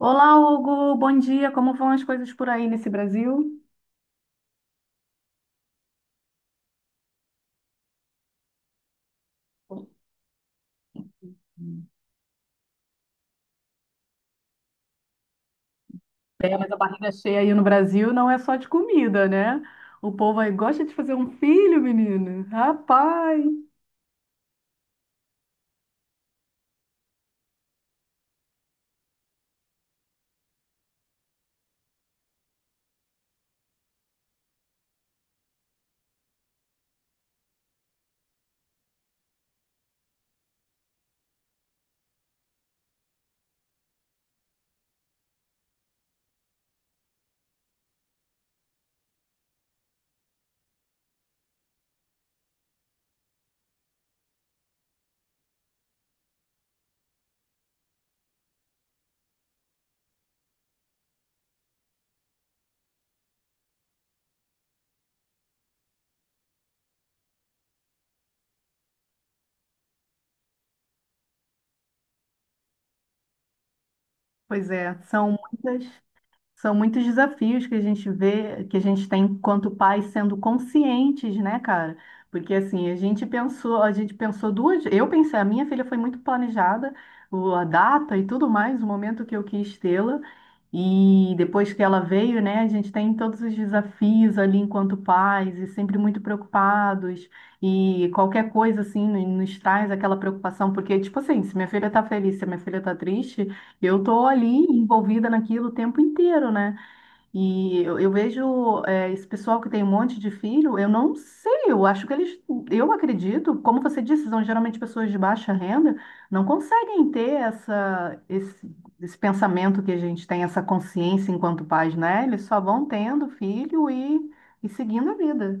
Olá, Hugo, bom dia. Como vão as coisas por aí nesse Brasil? Mas a barriga cheia aí no Brasil não é só de comida, né? O povo aí gosta de fazer um filho, menino. Rapaz! Pois é, são muitas. São muitos desafios que a gente vê, que a gente tem enquanto pais sendo conscientes, né, cara? Porque assim, a gente pensou duas, eu pensei, a minha filha foi muito planejada, a data e tudo mais, o momento que eu quis tê-la. E depois que ela veio, né, a gente tem todos os desafios ali enquanto pais e sempre muito preocupados. E qualquer coisa assim nos traz aquela preocupação, porque tipo assim, se minha filha tá feliz, se minha filha tá triste, eu tô ali envolvida naquilo o tempo inteiro, né? E eu vejo esse pessoal que tem um monte de filho, eu não sei, eu acho que eles, eu acredito, como você disse, são geralmente pessoas de baixa renda, não conseguem ter essa, esse pensamento que a gente tem, essa consciência enquanto pais, né? Eles só vão tendo filho e seguindo a vida.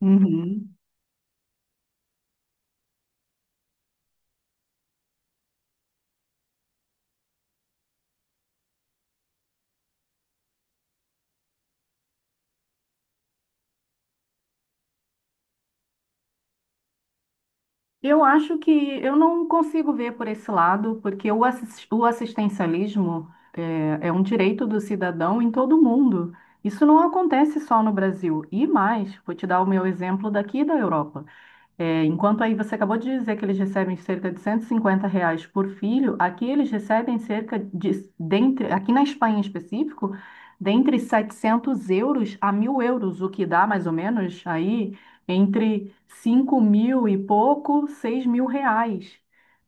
Uhum. Eu acho que eu não consigo ver por esse lado, porque o assistencialismo é um direito do cidadão em todo o mundo. Isso não acontece só no Brasil. E mais, vou te dar o meu exemplo daqui da Europa. É, enquanto aí você acabou de dizer que eles recebem cerca de 150 reais por filho, aqui eles recebem cerca de, dentre, aqui na Espanha em específico, dentre 700 euros a 1.000 euros, o que dá mais ou menos aí entre 5.000 e pouco, 6.000 reais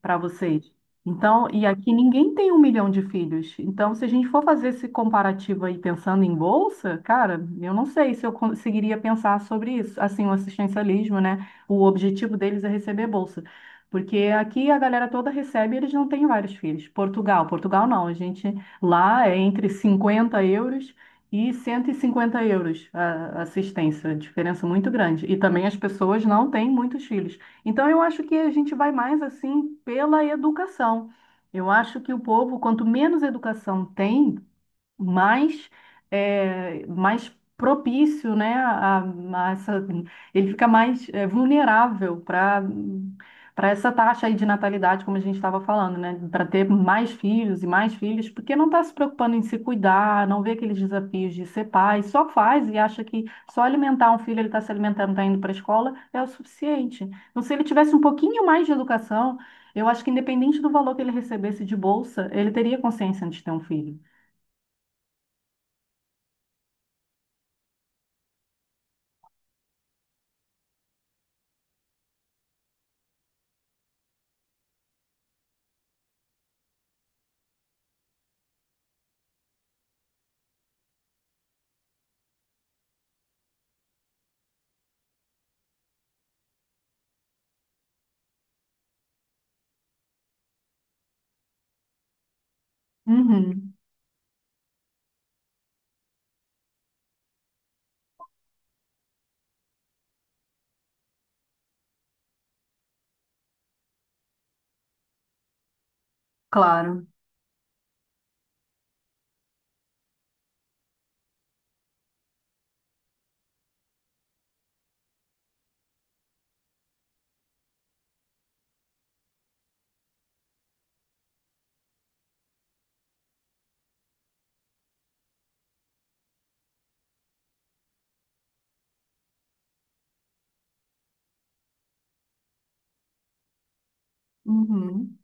para vocês. Então, e aqui ninguém tem um milhão de filhos. Então, se a gente for fazer esse comparativo aí pensando em bolsa, cara, eu não sei se eu conseguiria pensar sobre isso, assim, o assistencialismo, né? O objetivo deles é receber bolsa. Porque aqui a galera toda recebe e eles não têm vários filhos. Portugal, Portugal não. A gente lá é entre 50 euros e 150 euros a assistência. Diferença muito grande. E também as pessoas não têm muitos filhos. Então eu acho que a gente vai mais assim pela educação. Eu acho que o povo, quanto menos educação tem, mais, mais propício, né, a essa, ele fica mais vulnerável para essa taxa aí de natalidade, como a gente estava falando, né, para ter mais filhos e mais filhos, porque não está se preocupando em se cuidar, não vê aqueles desafios de ser pai, só faz e acha que só alimentar um filho, ele está se alimentando, está indo para a escola, é o suficiente. Então, se ele tivesse um pouquinho mais de educação, eu acho que independente do valor que ele recebesse de bolsa, ele teria consciência antes de ter um filho. Uhum. Claro. Uhum,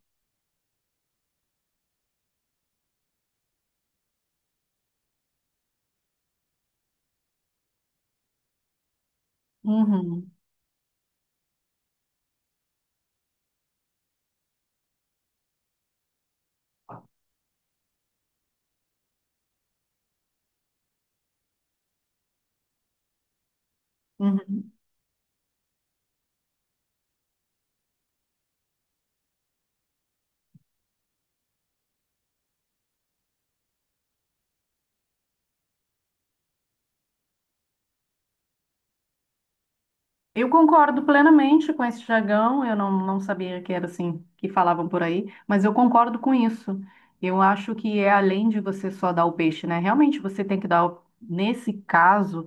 uhum, uhum. Eu concordo plenamente com esse jargão. Eu não, não sabia que era assim que falavam por aí, mas eu concordo com isso. Eu acho que é além de você só dar o peixe, né? Realmente você tem que dar, o- nesse caso,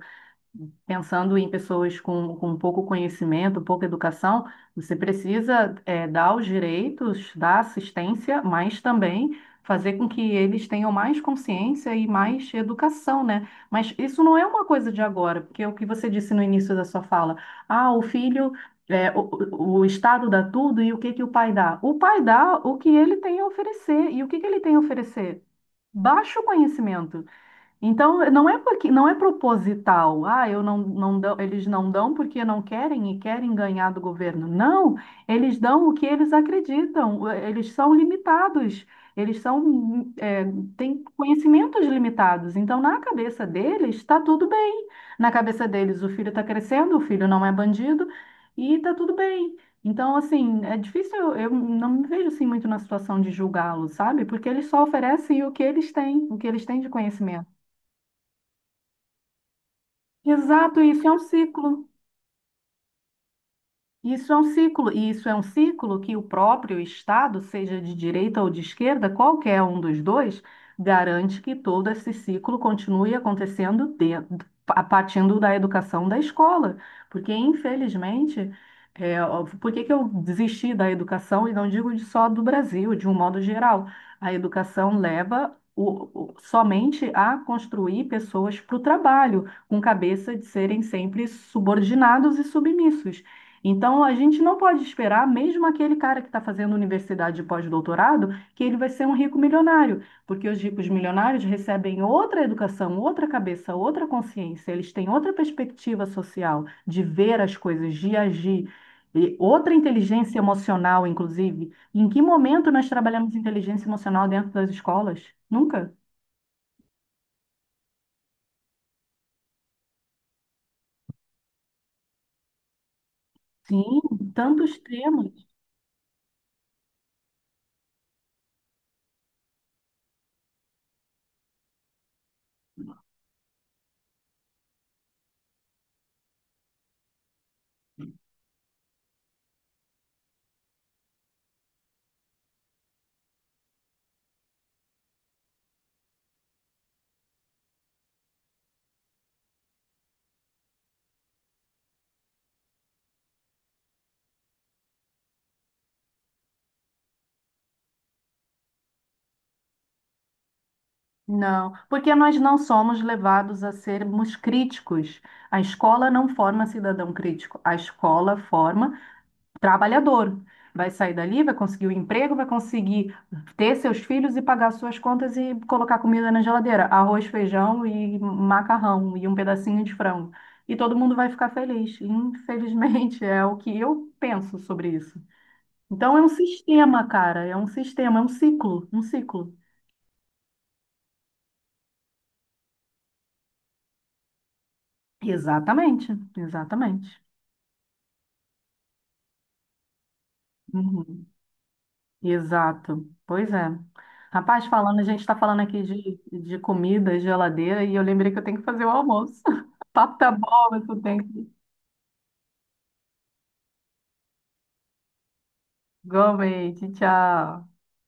pensando em pessoas com pouco conhecimento, pouca educação, você precisa dar os direitos, dar assistência, mas também fazer com que eles tenham mais consciência e mais educação, né? Mas isso não é uma coisa de agora, porque é o que você disse no início da sua fala, ah, o filho. eh, o, o Estado dá tudo e o que que o pai dá? O pai dá o que ele tem a oferecer. E o que que ele tem a oferecer? Baixo conhecimento. Então, não é porque não é proposital. Ah, eu não, não dão, eles não dão porque não querem e querem ganhar do governo. Não, eles dão o que eles acreditam. Eles são limitados. Eles são, é, têm conhecimentos limitados. Então, na cabeça deles, está tudo bem. Na cabeça deles, o filho está crescendo, o filho não é bandido e está tudo bem. Então, assim, é difícil, eu não me vejo assim muito na situação de julgá-los, sabe? Porque eles só oferecem o que eles têm, o que eles têm de conhecimento. Exato, isso é um ciclo. Isso é um ciclo, e isso é um ciclo que o próprio Estado, seja de direita ou de esquerda, qualquer um dos dois, garante que todo esse ciclo continue acontecendo dentro, a partindo da educação da escola. Porque, infelizmente, ó, por que que eu desisti da educação, e não digo de só do Brasil, de um modo geral? A educação leva somente a construir pessoas para o trabalho, com cabeça de serem sempre subordinados e submissos. Então, a gente não pode esperar, mesmo aquele cara que está fazendo universidade de pós-doutorado, que ele vai ser um rico milionário, porque os ricos milionários recebem outra educação, outra cabeça, outra consciência, eles têm outra perspectiva social de ver as coisas, de agir, e outra inteligência emocional, inclusive. Em que momento nós trabalhamos inteligência emocional dentro das escolas? Nunca. Sim, tantos temas. Não, porque nós não somos levados a sermos críticos. A escola não forma cidadão crítico, a escola forma trabalhador. Vai sair dali, vai conseguir o emprego, vai conseguir ter seus filhos e pagar suas contas e colocar comida na geladeira, arroz, feijão e macarrão e um pedacinho de frango. E todo mundo vai ficar feliz. Infelizmente, é o que eu penso sobre isso. Então, é um sistema, cara, é um sistema, é um ciclo, um ciclo. Exatamente, exatamente. Uhum. Exato. Pois é. Rapaz, falando, a gente está falando aqui de comida, geladeira, e eu lembrei que eu tenho que fazer o almoço. O papo tá bom, mas eu tenho que. Igualmente, tchau.